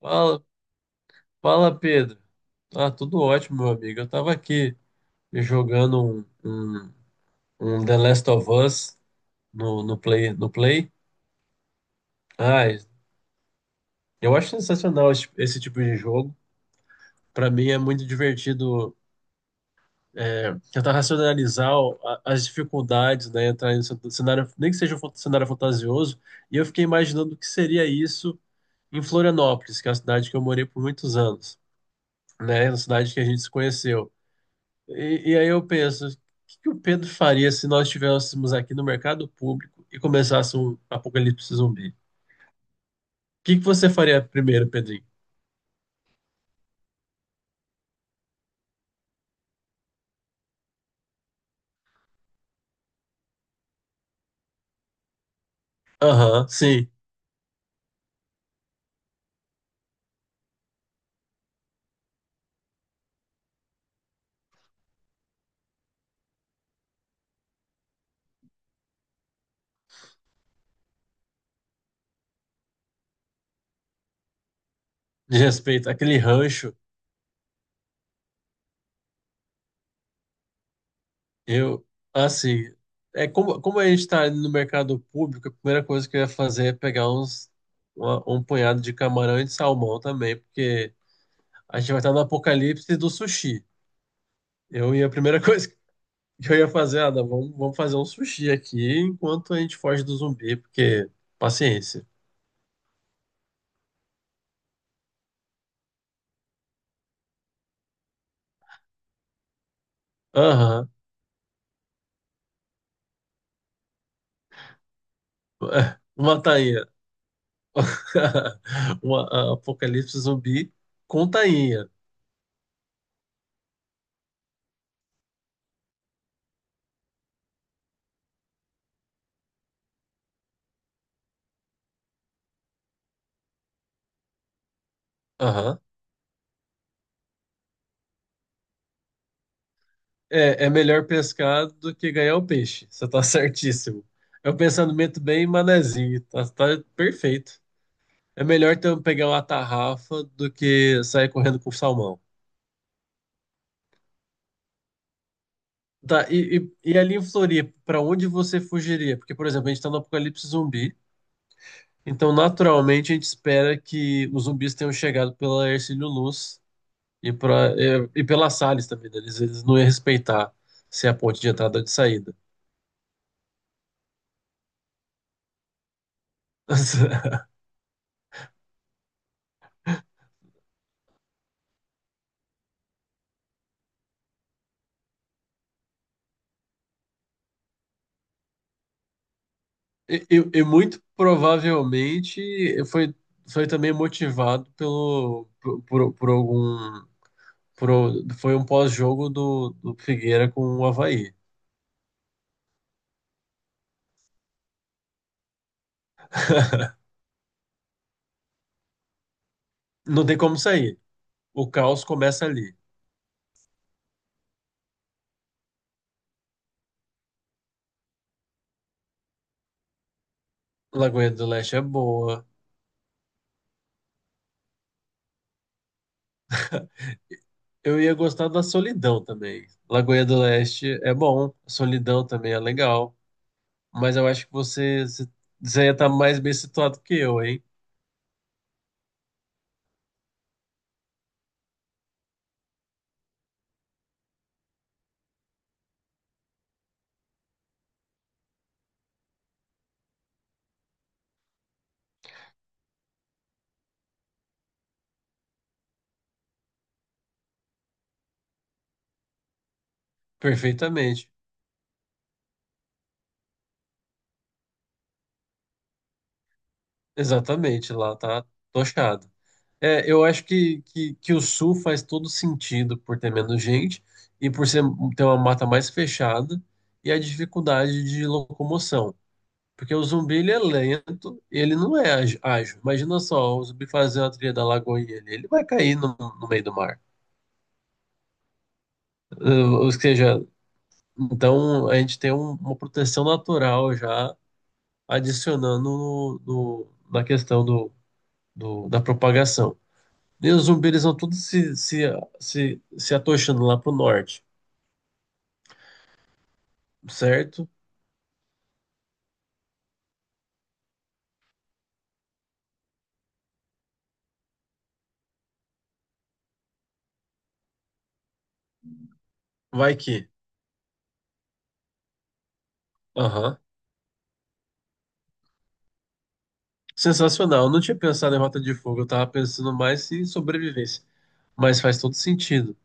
Fala, fala, Pedro. Ah, tudo ótimo, meu amigo. Eu tava aqui jogando um The Last of Us no Play. Ah, eu acho sensacional esse tipo de jogo. Pra mim é muito divertido é, tentar racionalizar as dificuldades, né? Entrar em um cenário, nem que seja um cenário fantasioso. E eu fiquei imaginando o que seria isso em Florianópolis, que é a cidade que eu morei por muitos anos, né? A cidade que a gente se conheceu. E aí eu penso, o que que o Pedro faria se nós estivéssemos aqui no mercado público e começasse um apocalipse zumbi? O que que você faria primeiro, Pedrinho? Aham, sim, de respeito, aquele rancho, eu, assim, é como, como a gente está no mercado público, a primeira coisa que eu ia fazer é pegar um punhado de camarão e de salmão também, porque a gente vai estar no apocalipse do sushi. Eu ia, a primeira coisa eu ia fazer, Adam, vamos fazer um sushi aqui enquanto a gente foge do zumbi, porque paciência. Aham. Uma tainha. Uma, apocalipse zumbi com tainha. Aham. É, é melhor pescar do que ganhar o peixe. Você tá certíssimo. É um pensamento bem manezinho. Tá perfeito. É melhor então pegar uma tarrafa do que sair correndo com salmão. Tá, e ali em Floripa, pra onde você fugiria? Porque, por exemplo, a gente tá no apocalipse zumbi. Então, naturalmente, a gente espera que os zumbis tenham chegado pela Hercílio Luz e, pela Salles também, né? Eles não iam respeitar se é a ponte de entrada ou de saída. E muito provavelmente foi, foi também motivado por algum. Foi um pós-jogo do, do Figueira com o Avaí. Não tem como sair. O caos começa ali. Lagoinha do Leste é boa. Eu ia gostar da Solidão também. Lagoinha do Leste é bom, Solidão também é legal, mas eu acho que você ia estar mais bem situado que eu, hein? Perfeitamente. Exatamente, lá tá tochado. É, eu acho que o Sul faz todo sentido por ter menos gente e por ser, ter uma mata mais fechada e a dificuldade de locomoção. Porque o zumbi ele é lento, ele não é ágil. Imagina só, o zumbi fazer uma trilha da lagoa e ele vai cair no meio do mar. Ou seja, então a gente tem uma proteção natural já adicionando na questão da propagação. E os zumbis eles vão todos se atochando lá pro norte, certo? Vai que. Aham. Sensacional. Eu não tinha pensado em Rota de Fogo, eu tava pensando mais em sobrevivência. Mas faz todo sentido.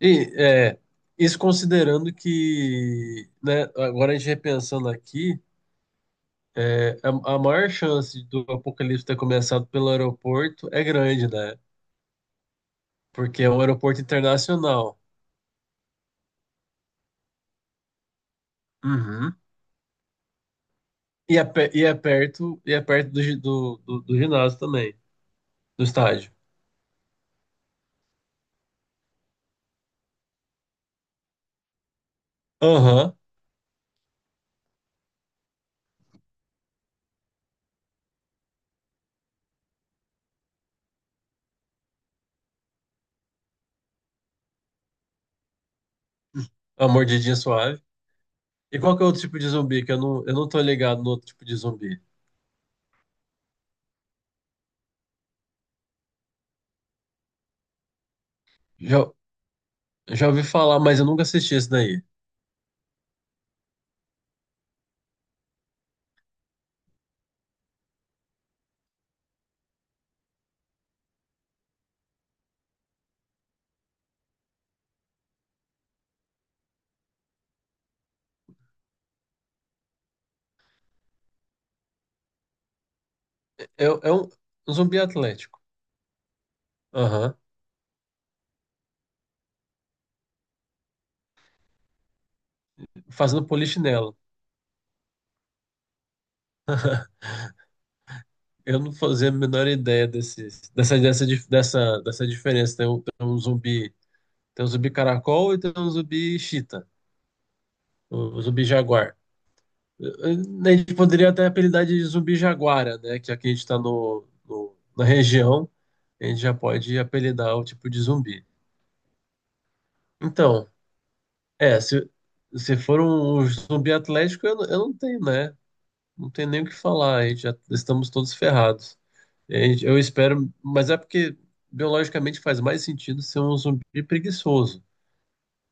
E é, isso considerando que, né, agora a gente repensando aqui, é, a maior chance do apocalipse ter começado pelo aeroporto é grande, né? Porque é um aeroporto internacional. Uhum. E é, e é perto, e é perto do, do ginásio também, do estádio. Aham. A mordidinha suave. E qual que é o outro tipo de zumbi? Que eu não tô ligado no outro tipo de zumbi. Já, já ouvi falar, mas eu nunca assisti esse daí. É, é um, um zumbi atlético. Aham. Fazendo polichinelo. Eu não fazia a menor ideia desse, dessa, dessa, dif- dessa, dessa diferença. Tem um zumbi caracol e tem um zumbi chita, o zumbi jaguar. A gente poderia até apelidar de zumbi jaguara, né? Que aqui a gente está na região, a gente já pode apelidar o tipo de zumbi. Então, é, se for um zumbi atlético, eu não tenho, né? Não tem nem o que falar, a gente já estamos todos ferrados. É, eu espero, mas é porque biologicamente faz mais sentido ser um zumbi preguiçoso,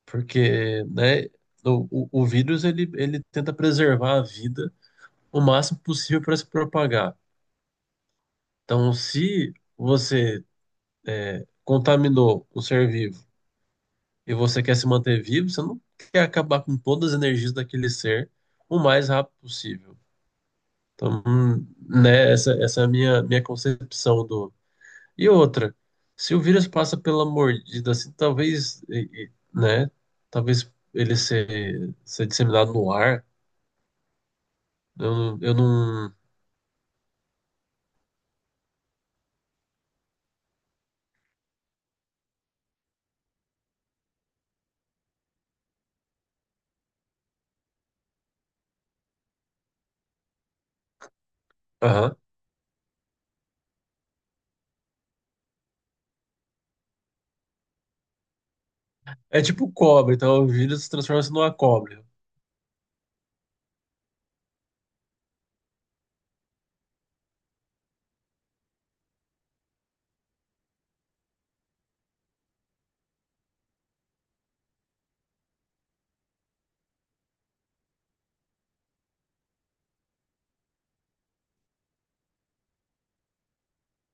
porque, né, o vírus ele tenta preservar a vida o máximo possível para se propagar. Então, se você contaminou um ser vivo e você quer se manter vivo, você não quer acabar com todas as energias daquele ser o mais rápido possível. Então, né, essa é a minha concepção. E outra, se o vírus passa pela mordida, assim, talvez, né? Talvez ele ser disseminado no ar. Eu não. Aham. É tipo cobra, então o vírus se transforma-se numa cobra.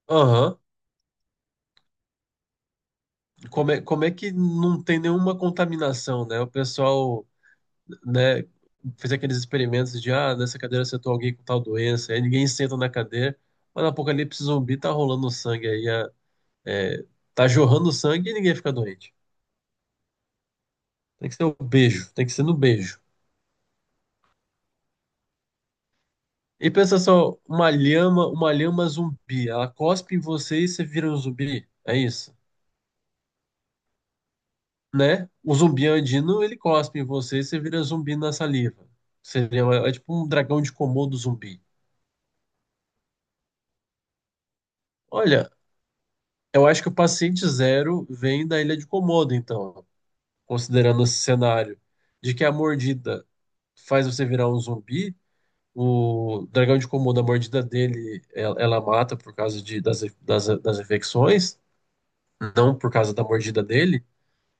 Aham. Como é que não tem nenhuma contaminação, né? O pessoal, né, fez aqueles experimentos de, ah, nessa cadeira sentou alguém com tal doença, aí ninguém senta na cadeira, mas no apocalipse zumbi tá rolando sangue aí, é, tá jorrando sangue e ninguém fica doente. Tem que ser o beijo, tem que ser no beijo. E pensa só, uma lhama zumbi, ela cospe em você e você vira um zumbi, é isso, né? O zumbi andino, ele cospe em você e você vira zumbi na saliva. Seria é tipo um dragão de Komodo zumbi. Olha, eu acho que o paciente zero vem da ilha de Komodo, então, considerando esse cenário de que a mordida faz você virar um zumbi. O dragão de Komodo, a mordida dele, ela mata por causa das infecções, não por causa da mordida dele,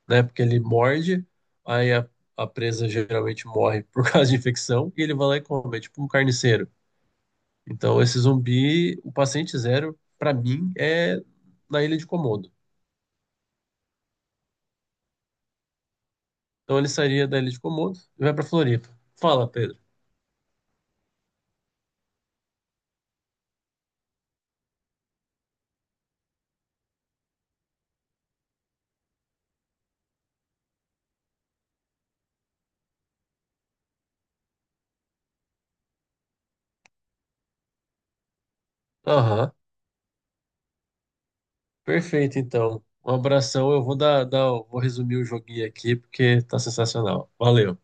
né? Porque ele morde, aí a, a presa geralmente morre por causa de infecção, e ele vai lá e come, é tipo um carniceiro. Então, esse zumbi, o paciente zero, pra mim, é na Ilha de Komodo. Então, ele sairia da Ilha de Komodo e vai pra Floripa. Fala, Pedro. Aham, perfeito, então. Um abração, eu vou vou resumir o joguinho aqui, porque tá sensacional. Valeu.